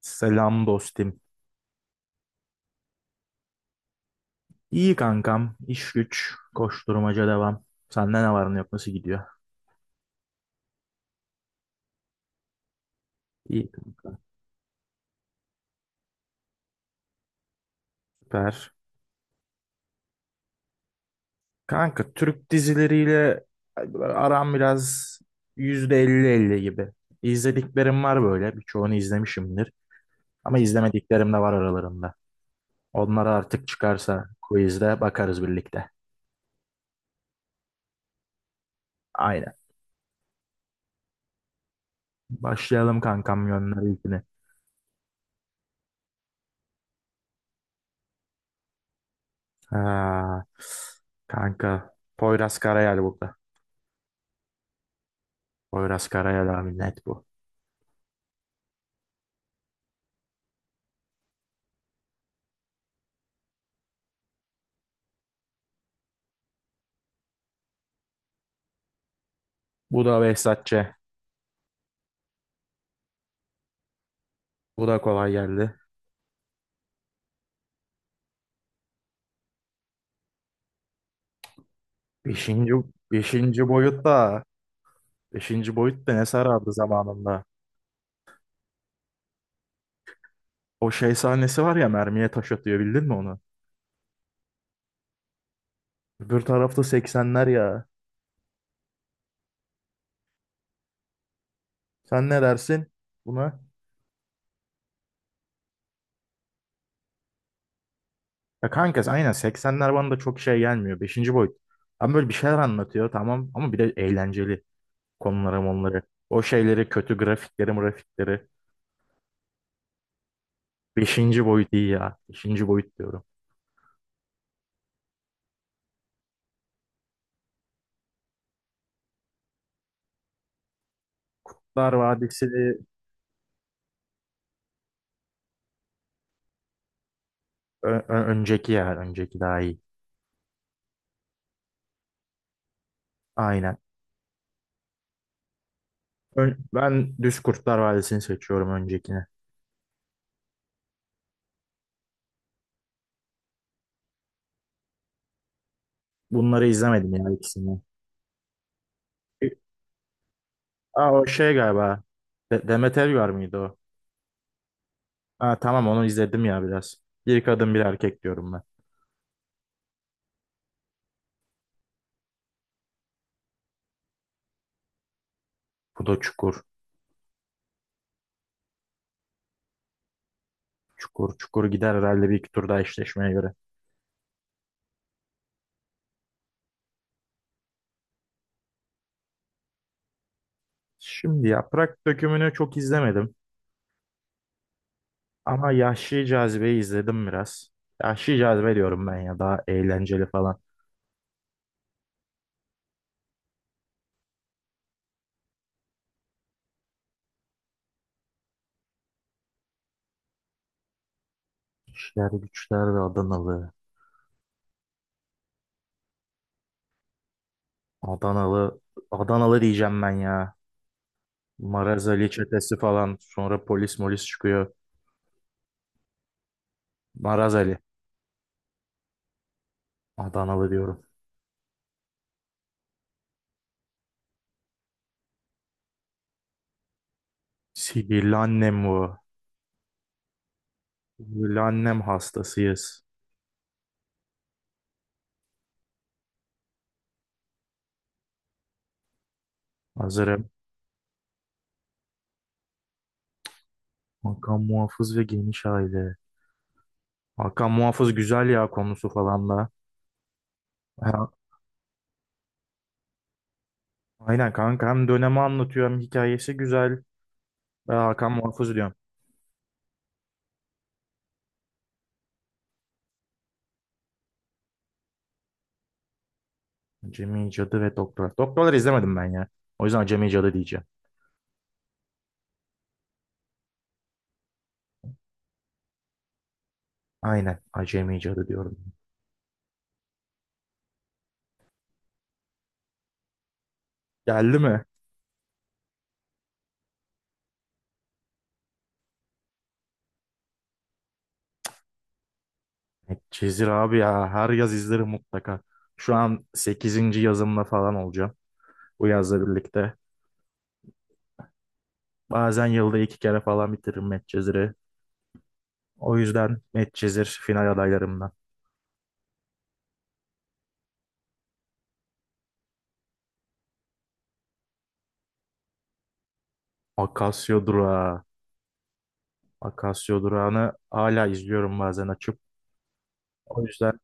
Selam dostum. İyi kankam. İş güç. Koşturmaca devam. Sende ne var ne yok nasıl gidiyor? İyi kanka. Süper. Kanka Türk dizileriyle aram biraz %50 %50 gibi. İzlediklerim var böyle. Birçoğunu izlemişimdir. Ama izlemediklerim de var aralarında. Onlara artık çıkarsa quizde bakarız birlikte. Aynen. Başlayalım kankam, gönder ilkini. Ha, kanka Poyraz Karayel burada. Poyraz Karayel abi, net bu. Bu da Behzatçı. Bu da kolay geldi. Beşinci, beşinci boyut da beşinci boyut da ne sarardı zamanında. O şey sahnesi var ya, mermiye taş atıyor, bildin mi onu? Öbür tarafta seksenler ya. Sen ne dersin buna? Ya kanka aynen, seksenler bana da çok şey gelmiyor. Beşinci boyut. Ama böyle bir şeyler anlatıyor, tamam, ama bir de eğlenceli konulara onları. O şeyleri, kötü grafikleri grafikleri. Beşinci boyut iyi ya. Beşinci boyut diyorum. Kurtlar Vadisi önceki ya. Önceki daha iyi. Aynen. Ben Düz Kurtlar Vadisi'ni seçiyorum, öncekine. Bunları izlemedim ya, ikisini. E, Aa, o şey galiba. Demet Evgar mıydı o? Aa, tamam, onu izledim ya biraz. Bir kadın bir erkek diyorum ben. Bu da Çukur. Çukur Çukur gider herhalde, bir iki tur daha, eşleşmeye göre. Şimdi Yaprak Dökümü'nü çok izlemedim. Ama Yahşi Cazibe'yi izledim biraz. Yahşi Cazibe diyorum ben ya, daha eğlenceli falan. İşler Güçler ve Adanalı. Adanalı. Adanalı diyeceğim ben ya. Maraz Ali çetesi falan. Sonra polis molis çıkıyor. Maraz Ali. Adanalı diyorum. Sihirli annem bu. Sihirli annem hastasıyız. Hazırım. Hakan Muhafız ve Geniş Aile. Hakan Muhafız güzel ya, konusu falan da. Ha, aynen kanka, hem dönemi anlatıyor hem hikayesi güzel. Ben Hakan Muhafız diyorum. Acemi Cadı ve Doktor. Doktorları izlemedim ben ya. O yüzden Acemi Cadı diyeceğim. Aynen, Acemi Cadı diyorum. Geldi mi? Çizir abi ya, her yaz izlerim mutlaka. Şu an sekizinci yazımla falan olacağım bu yazla birlikte. Bazen yılda iki kere falan bitiririm Medcezir'i. O yüzden Medcezir final adaylarımdan. Akasya Durağı. Akasya Durağı'nı hala izliyorum bazen açıp. O yüzden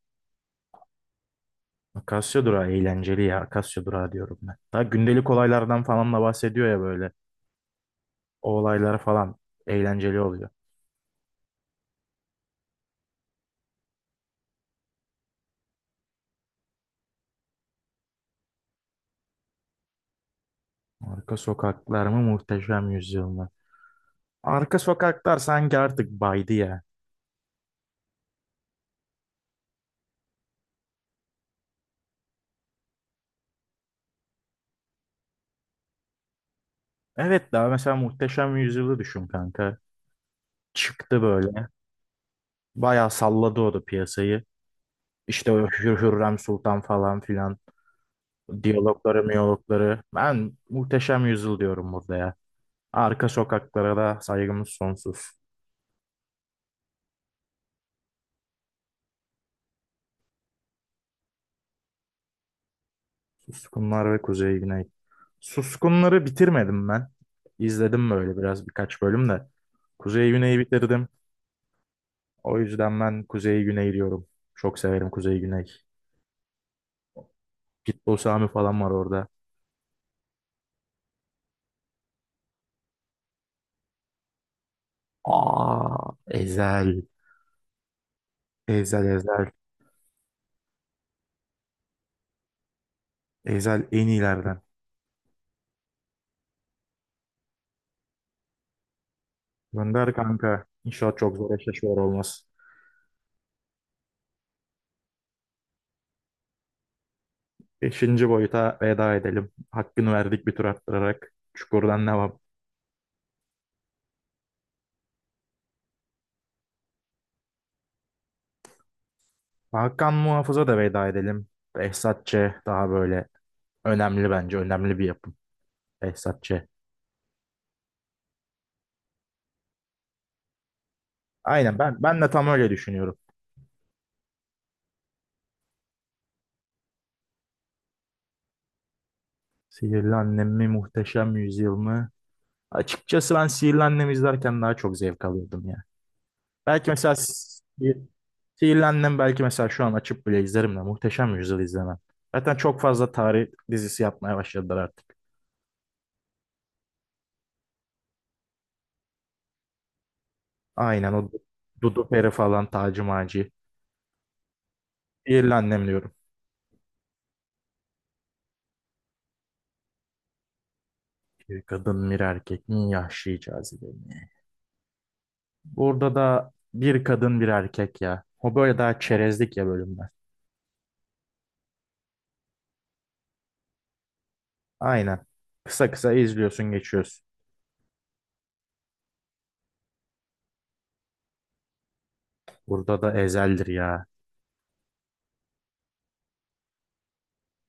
Akasya Durağı eğlenceli ya. Akasya Durağı diyorum ben. Daha gündelik olaylardan falan da bahsediyor ya böyle. O olaylar falan eğlenceli oluyor. Arka sokaklar mı, Muhteşem Yüzyıl. Arka sokaklar sanki artık baydı ya. Evet, daha mesela Muhteşem Yüzyıl'ı düşün kanka. Çıktı böyle. Bayağı salladı o da piyasayı. İşte o Hürrem Sultan falan filan. Diyalogları, miyologları. Ben Muhteşem Yüzyıl diyorum burada ya. Arka sokaklara da saygımız sonsuz. Suskunlar ve Kuzey Güney. Suskunları bitirmedim ben. İzledim böyle biraz, birkaç bölüm de. Kuzey Güney'i bitirdim. O yüzden ben Kuzey Güney diyorum. Çok severim Kuzey Güney. Pitbull Sami falan var orada. Aa, Ezel. Ezel Ezel. Ezel en iyilerden. Gönder kanka. İnşallah çok zor eşleşmeler olmaz. Beşinci boyuta veda edelim. Hakkını verdik, bir tur attırarak. Çukurdan devam. Hakan Muhafız'a da veda edelim. Behzat Ç. daha böyle önemli bence. Önemli bir yapım. Behzat Ç. Aynen, ben de tam öyle düşünüyorum. Sihirli Annem mi, Muhteşem Yüzyıl mı? Açıkçası ben Sihirli Annem izlerken daha çok zevk alıyordum. Belki mesela sihirlendim, belki mesela şu an açıp bile izlerim de Muhteşem Yüzyıl izlemem. Zaten çok fazla tarih dizisi yapmaya başladılar artık. Aynen o Dudu Peri falan, Taci Maci. Sihirlendim diyorum. Bir kadın bir erkek mi, yaşlı cazibemi. Burada da bir kadın bir erkek ya. O böyle daha çerezlik ya bölümler. Aynen. Kısa kısa izliyorsun, geçiyorsun. Burada da Ezel'dir ya.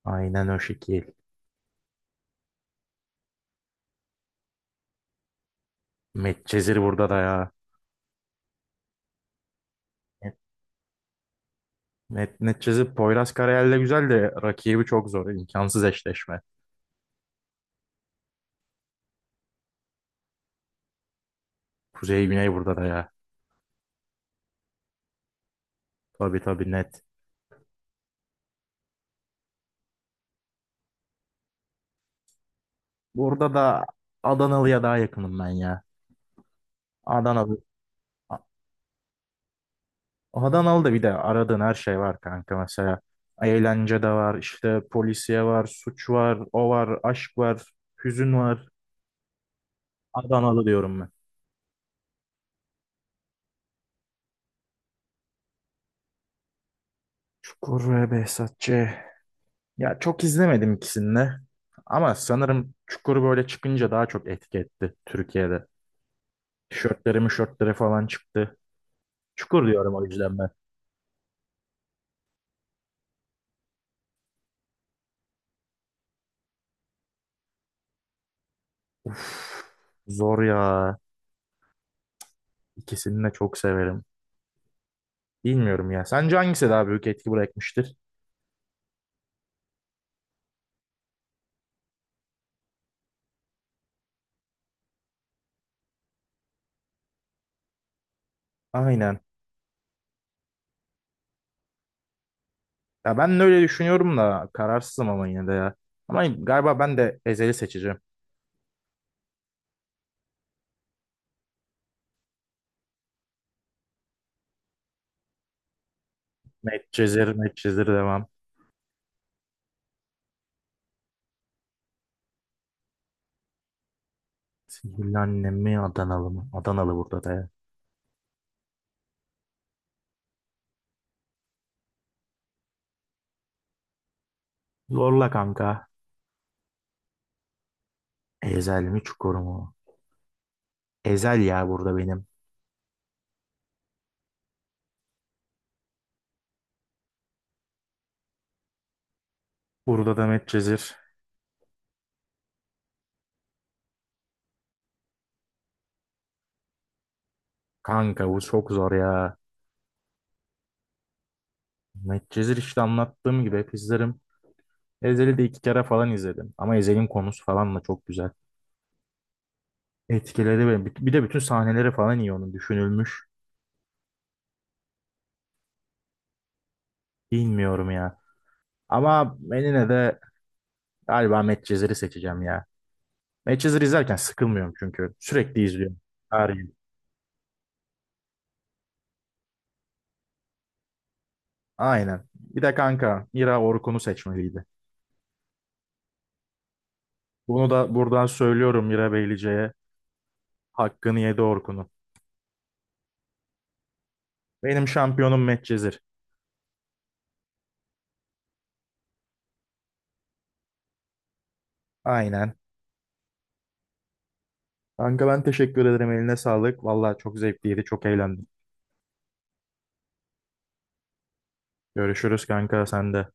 Aynen o şekil. Medcezir burada da ya. Net, neticesi Poyraz Karayel güzel de rakibi çok zor. İmkansız eşleşme. Kuzey Güney burada da ya. Tabii tabii, net. Burada da Adanalı'ya daha yakınım ben ya. Adanalı. A- Adanalı'da bir de aradığın her şey var kanka mesela. Eğlence de var, işte polisiye var, suç var, o var, aşk var, hüzün var. Adanalı diyorum ben. Çukur ve Behzatçı. Ya, çok izlemedim ikisini de. Ama sanırım Çukur böyle çıkınca daha çok etki etti Türkiye'de. Tişörtleri mişörtleri falan çıktı. Çukur diyorum o yüzden ben. Uf, zor ya. İkisini de çok severim. Bilmiyorum ya. Sence hangisi daha büyük etki bırakmıştır? Aynen. Ya ben de öyle düşünüyorum da kararsızım, ama yine de ya. Ama galiba ben de Ezel'i seçeceğim. Medcezir, Medcezir devam. Sihirli annem mi, Adanalı mı? Adanalı burada da ya. Zorla kanka. Ezel mi, Çukur mu? Ezel ya burada benim. Burada da Medcezir. Kanka bu çok zor ya. Medcezir işte anlattığım gibi hep izlerim. Ezel'i de iki kere falan izledim. Ama Ezel'in konusu falan da çok güzel. Etkiledi beni. Bir de bütün sahneleri falan iyi onun düşünülmüş. Bilmiyorum ya. Ama ben yine de galiba Medcezir'i seçeceğim ya. Medcezir izlerken sıkılmıyorum çünkü. Sürekli izliyorum. Her gün. Aynen. Bir de kanka Mira, Orkun'u seçmeliydi. Bunu da buradan söylüyorum Mira Beylice'ye. Hakkını yedi Orkun'un. Benim şampiyonum Medcezir. Aynen. Kanka ben teşekkür ederim. Eline sağlık. Vallahi çok zevkliydi. Çok eğlendim. Görüşürüz kanka, sen de.